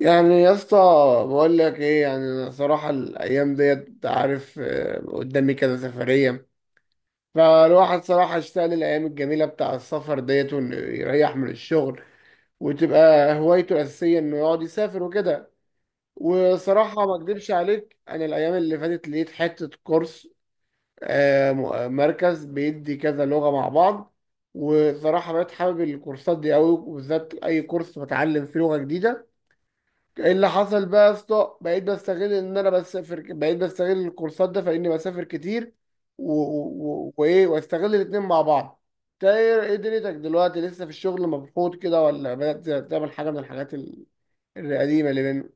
يعني يا اسطى، بقول لك ايه؟ يعني انا صراحه الايام ديت أنت عارف، قدامي كذا سفريه. فالواحد صراحه اشتاق للايام الجميله بتاع السفر ديت، وانه يريح من الشغل وتبقى هوايته الاساسيه انه يقعد يسافر وكده. وصراحه ما اكدبش عليك، انا الايام اللي فاتت لقيت حته كورس. مركز بيدي كذا لغه مع بعض. وصراحه بقيت حابب الكورسات دي قوي، وبالذات اي كورس بتعلم فيه لغه جديده. ايه اللي حصل بقى يا اسطى؟ بقيت بستغل ان انا بسافر، بقيت بستغل الكورسات ده، فاني بسافر كتير وايه، واستغل الاتنين مع بعض. انت ايه؟ دنيتك دلوقتي، لسه في الشغل مبسوط كده، ولا بدأت تعمل حاجه من الحاجات القديمه اللي بيننا؟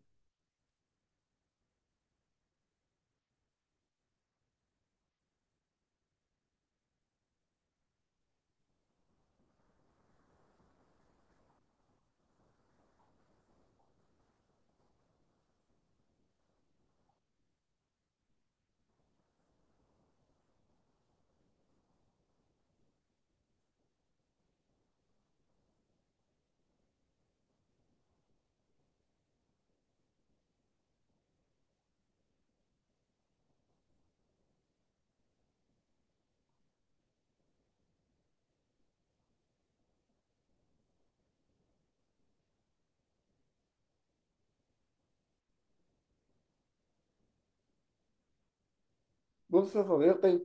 بص يا صديقي،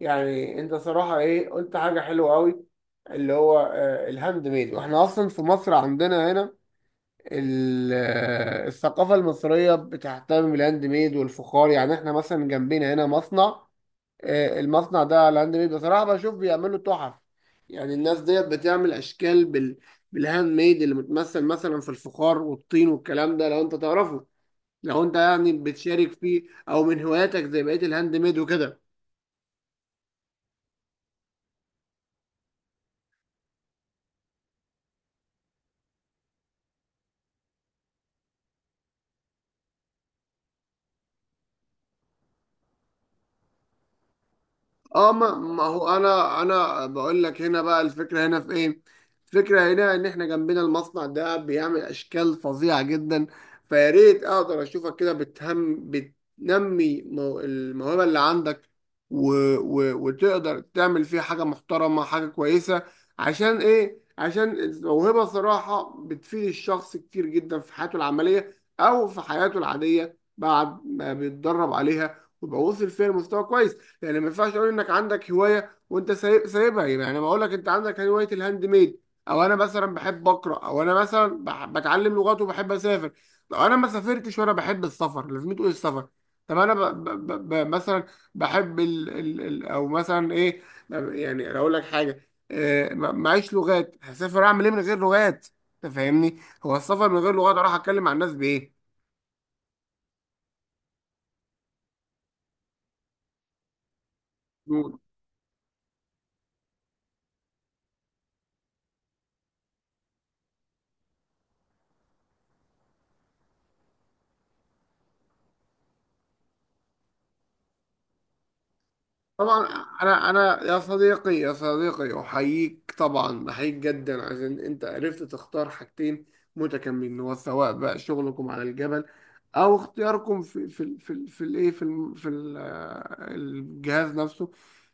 يعني انت صراحة ايه، قلت حاجة حلوة قوي. اللي هو الهاند ميد. واحنا اصلا في مصر عندنا هنا الثقافه المصريه بتهتم بالهاند ميد والفخار. يعني احنا مثلا جنبنا هنا مصنع، المصنع ده على هاند ميد. بصراحة بشوف بيعملوا تحف، يعني الناس ديت بتعمل أشكال بالهاند ميد، اللي متمثل مثلا في الفخار والطين والكلام ده. لو أنت تعرفه، لو أنت يعني بتشارك فيه، أو من هواياتك زي بقية الهاند ميد وكده. اه، ما هو انا بقول لك، هنا بقى الفكره، هنا في ايه؟ الفكره هنا ان احنا جنبنا المصنع ده بيعمل اشكال فظيعه جدا. فيا ريت اقدر اشوفك كده بتهم بتنمي الموهبه اللي عندك، و و وتقدر تعمل فيه حاجه محترمه، حاجه كويسه. عشان ايه؟ عشان الموهبه صراحه بتفيد الشخص كتير جدا في حياته العمليه، او في حياته العاديه بعد ما بيتدرب عليها ويبقى وصل فيها لمستوى كويس. يعني ما ينفعش تقول انك عندك هوايه وانت سايبها. يعني ما اقول لك انت عندك هوايه الهاند ميد، او انا مثلا بحب اقرا، او انا مثلا بتعلم لغات وبحب اسافر. لو انا ما سافرتش وانا بحب السفر، لازم تقول السفر. طب انا مثلا بحب او مثلا ايه، يعني اقول لك حاجه، معيش لغات، هسافر اعمل ايه من غير لغات؟ انت فاهمني؟ هو السفر من غير لغات اروح اتكلم مع الناس بايه؟ طبعا. انا يا صديقي، يا صديقي احييك، طبعا احييك جدا عشان انت عرفت تختار حاجتين متكاملين. هو سواء بقى شغلكم على الجبل، او اختياركم في الايه، في الجهاز نفسه.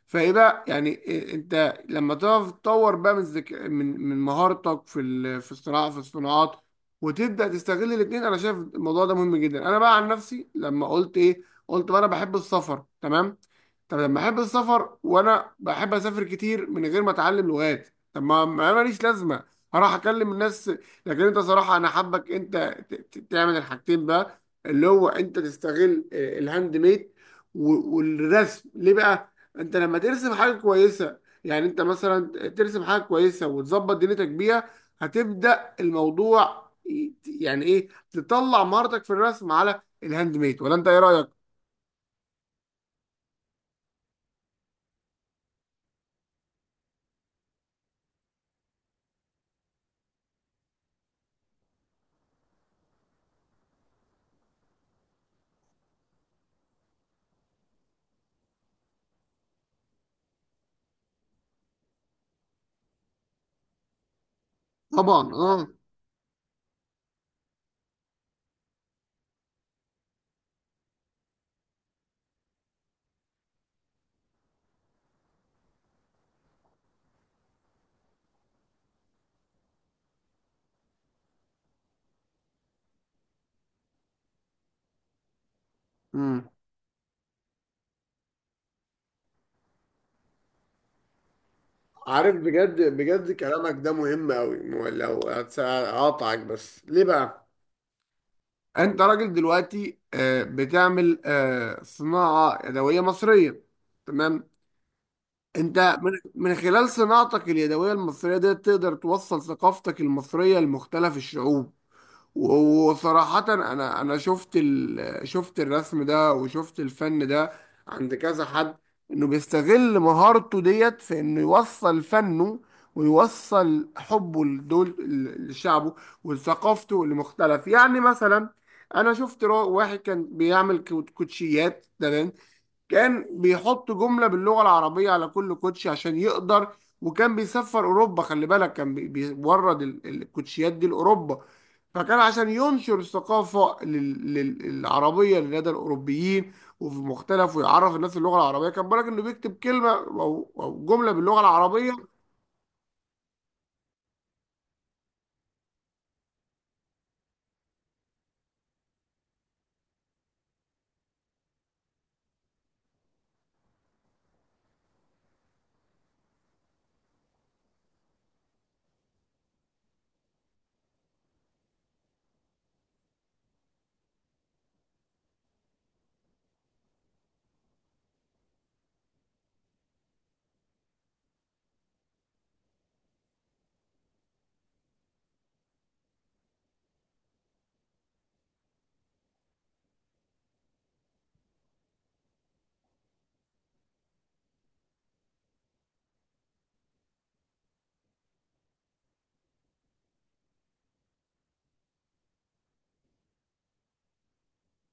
فايه بقى؟ يعني إيه انت لما تعرف تطور بقى من من مهارتك في الصناعه، في الصناعات، وتبدا تستغل الاثنين. انا شايف الموضوع ده مهم جدا. انا بقى عن نفسي، لما قلت ايه؟ قلت بقى انا بحب السفر، تمام. طب لما احب السفر وانا بحب اسافر كتير من غير ما اتعلم لغات، طب ما ما ماليش لازمه هروح اكلم الناس. لكن انت صراحه انا حابك انت تعمل الحاجتين بقى، اللي هو انت تستغل الهاند ميد والرسم. ليه بقى؟ انت لما ترسم حاجه كويسه، يعني انت مثلا ترسم حاجه كويسه وتظبط دنيتك بيها، هتبدا الموضوع يعني ايه؟ تطلع مهارتك في الرسم على الهاند ميد. ولا انت ايه رايك؟ طبعا، اه. عارف، بجد بجد كلامك ده مهم قوي. لو هقاطعك بس، ليه بقى؟ انت راجل دلوقتي بتعمل صناعة يدوية مصرية، تمام. انت من من خلال صناعتك اليدوية المصرية دي تقدر توصل ثقافتك المصرية لمختلف الشعوب. وصراحة أنا شفت شفت الرسم ده، وشفت الفن ده عند كذا حد، إنه بيستغل مهارته ديت في إنه يوصل فنه، ويوصل حبه لدول، لشعبه ولثقافته، لمختلف. يعني مثلا أنا شفت واحد كان بيعمل كوتشيات، تمام. كان بيحط جملة باللغة العربية على كل كوتشي عشان يقدر، وكان بيسفر أوروبا، خلي بالك، كان بيورد الكوتشيات دي لأوروبا، فكان عشان ينشر الثقافة العربية لدى الأوروبيين، وفي مختلف، ويعرف الناس اللغة العربية. كان بالك إنه بيكتب كلمة، أو جملة باللغة العربية.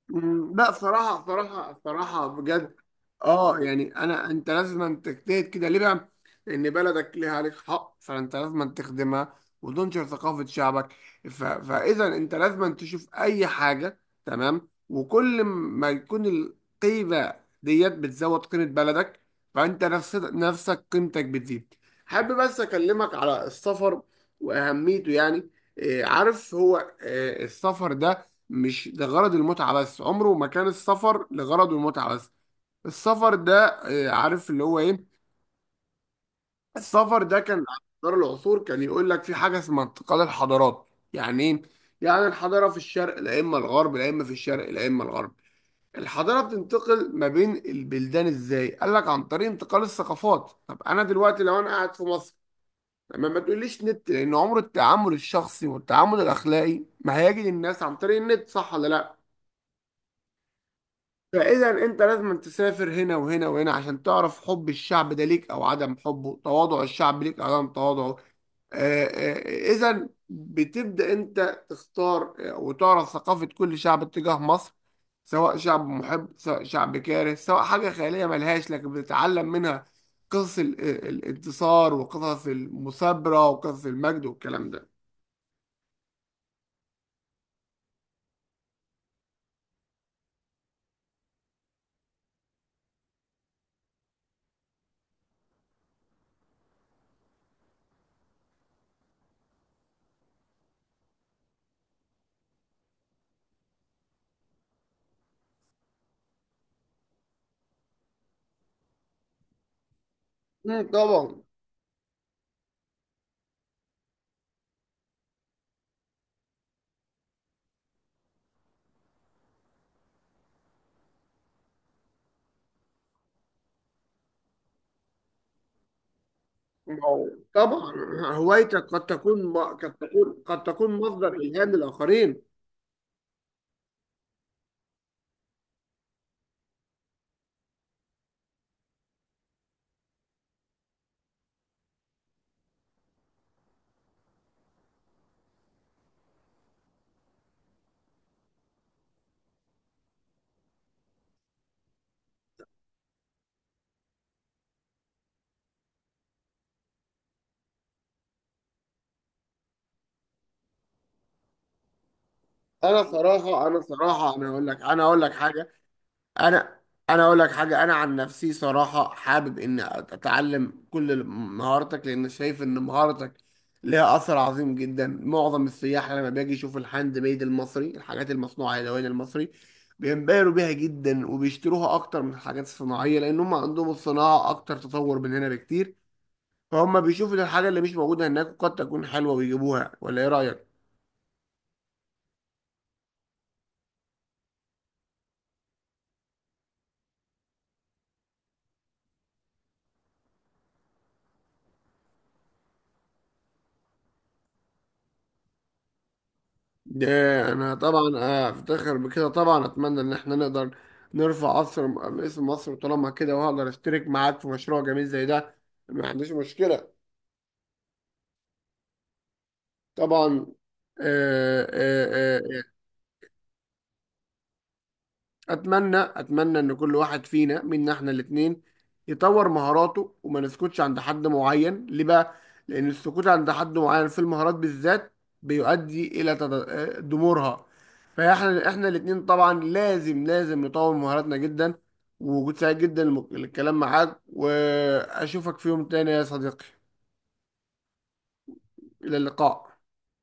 مم، لا صراحة، صراحة صراحة، بجد. اه، يعني انا، انت لازم أن تجتهد كده. ليه بقى؟ لان بلدك ليها عليك حق، فانت لازم أن تخدمها وتنشر ثقافة شعبك. فاذا انت لازم أن تشوف اي حاجة، تمام. وكل ما يكون القيمة ديت بتزود قيمة بلدك، فانت نفس نفسك قيمتك بتزيد. حابب بس اكلمك على السفر واهميته. يعني إيه؟ عارف هو إيه السفر ده؟ مش لغرض المتعة بس، عمره ما كان السفر لغرض المتعة بس. السفر ده، عارف اللي هو ايه؟ السفر ده كان على مدار العصور، كان يقول لك في حاجة اسمها انتقال الحضارات. يعني ايه؟ يعني الحضارة في الشرق لا اما الغرب، لا اما في الشرق لا اما الغرب، الحضارة بتنتقل ما بين البلدان. ازاي؟ قال لك عن طريق انتقال الثقافات. طب انا دلوقتي لو انا قاعد في مصر، لما ما تقوليش نت، لان عمر التعامل الشخصي والتعامل الاخلاقي ما هيجي للناس عن طريق النت، صح ولا لا؟ فاذا انت لازم تسافر هنا وهنا وهنا عشان تعرف حب الشعب ده ليك او عدم حبه، تواضع الشعب ليك او عدم تواضعه. اذا بتبدا انت تختار، وتعرف ثقافه كل شعب تجاه مصر، سواء شعب محب، سواء شعب كاره، سواء حاجه خياليه ملهاش، لكن بتتعلم منها قصص الانتصار، وقصص المثابره، وقصص المجد والكلام ده. مم، طبعا. ما هو طبعا، هوايتك قد تكون مصدر الهام للاخرين. انا صراحه، انا اقول لك حاجه. انا انا عن نفسي صراحه حابب اني اتعلم كل مهاراتك، لان شايف ان مهارتك ليها اثر عظيم جدا. معظم السياح لما باجي يشوف الهاند ميد المصري، الحاجات المصنوعه يدويا المصري، بينبهروا بيها جدا وبيشتروها اكتر من الحاجات الصناعيه، لان هم عندهم الصناعه اكتر تطور مننا بكتير. فهم بيشوفوا الحاجة اللي مش موجودة هناك وقد تكون حلوة ويجيبوها، ولا ايه رأيك؟ ده انا طبعا، افتخر بكده طبعا. اتمنى ان احنا نقدر نرفع اسم مصر طالما كده، وهقدر اشترك معاك في مشروع جميل زي ده، ما عنديش مشكلة. طبعا، آه، آه، آه، اتمنى، اتمنى ان كل واحد فينا، منا احنا الاثنين، يطور مهاراته وما نسكتش عند حد معين. ليه بقى؟ لان السكوت عند حد معين في المهارات بالذات بيؤدي الى دمورها. فاحنا، احنا الاثنين طبعا لازم نطور مهاراتنا جدا. ووجود سعيد جدا للكلام معاك، واشوفك في يوم تاني يا صديقي. الى اللقاء.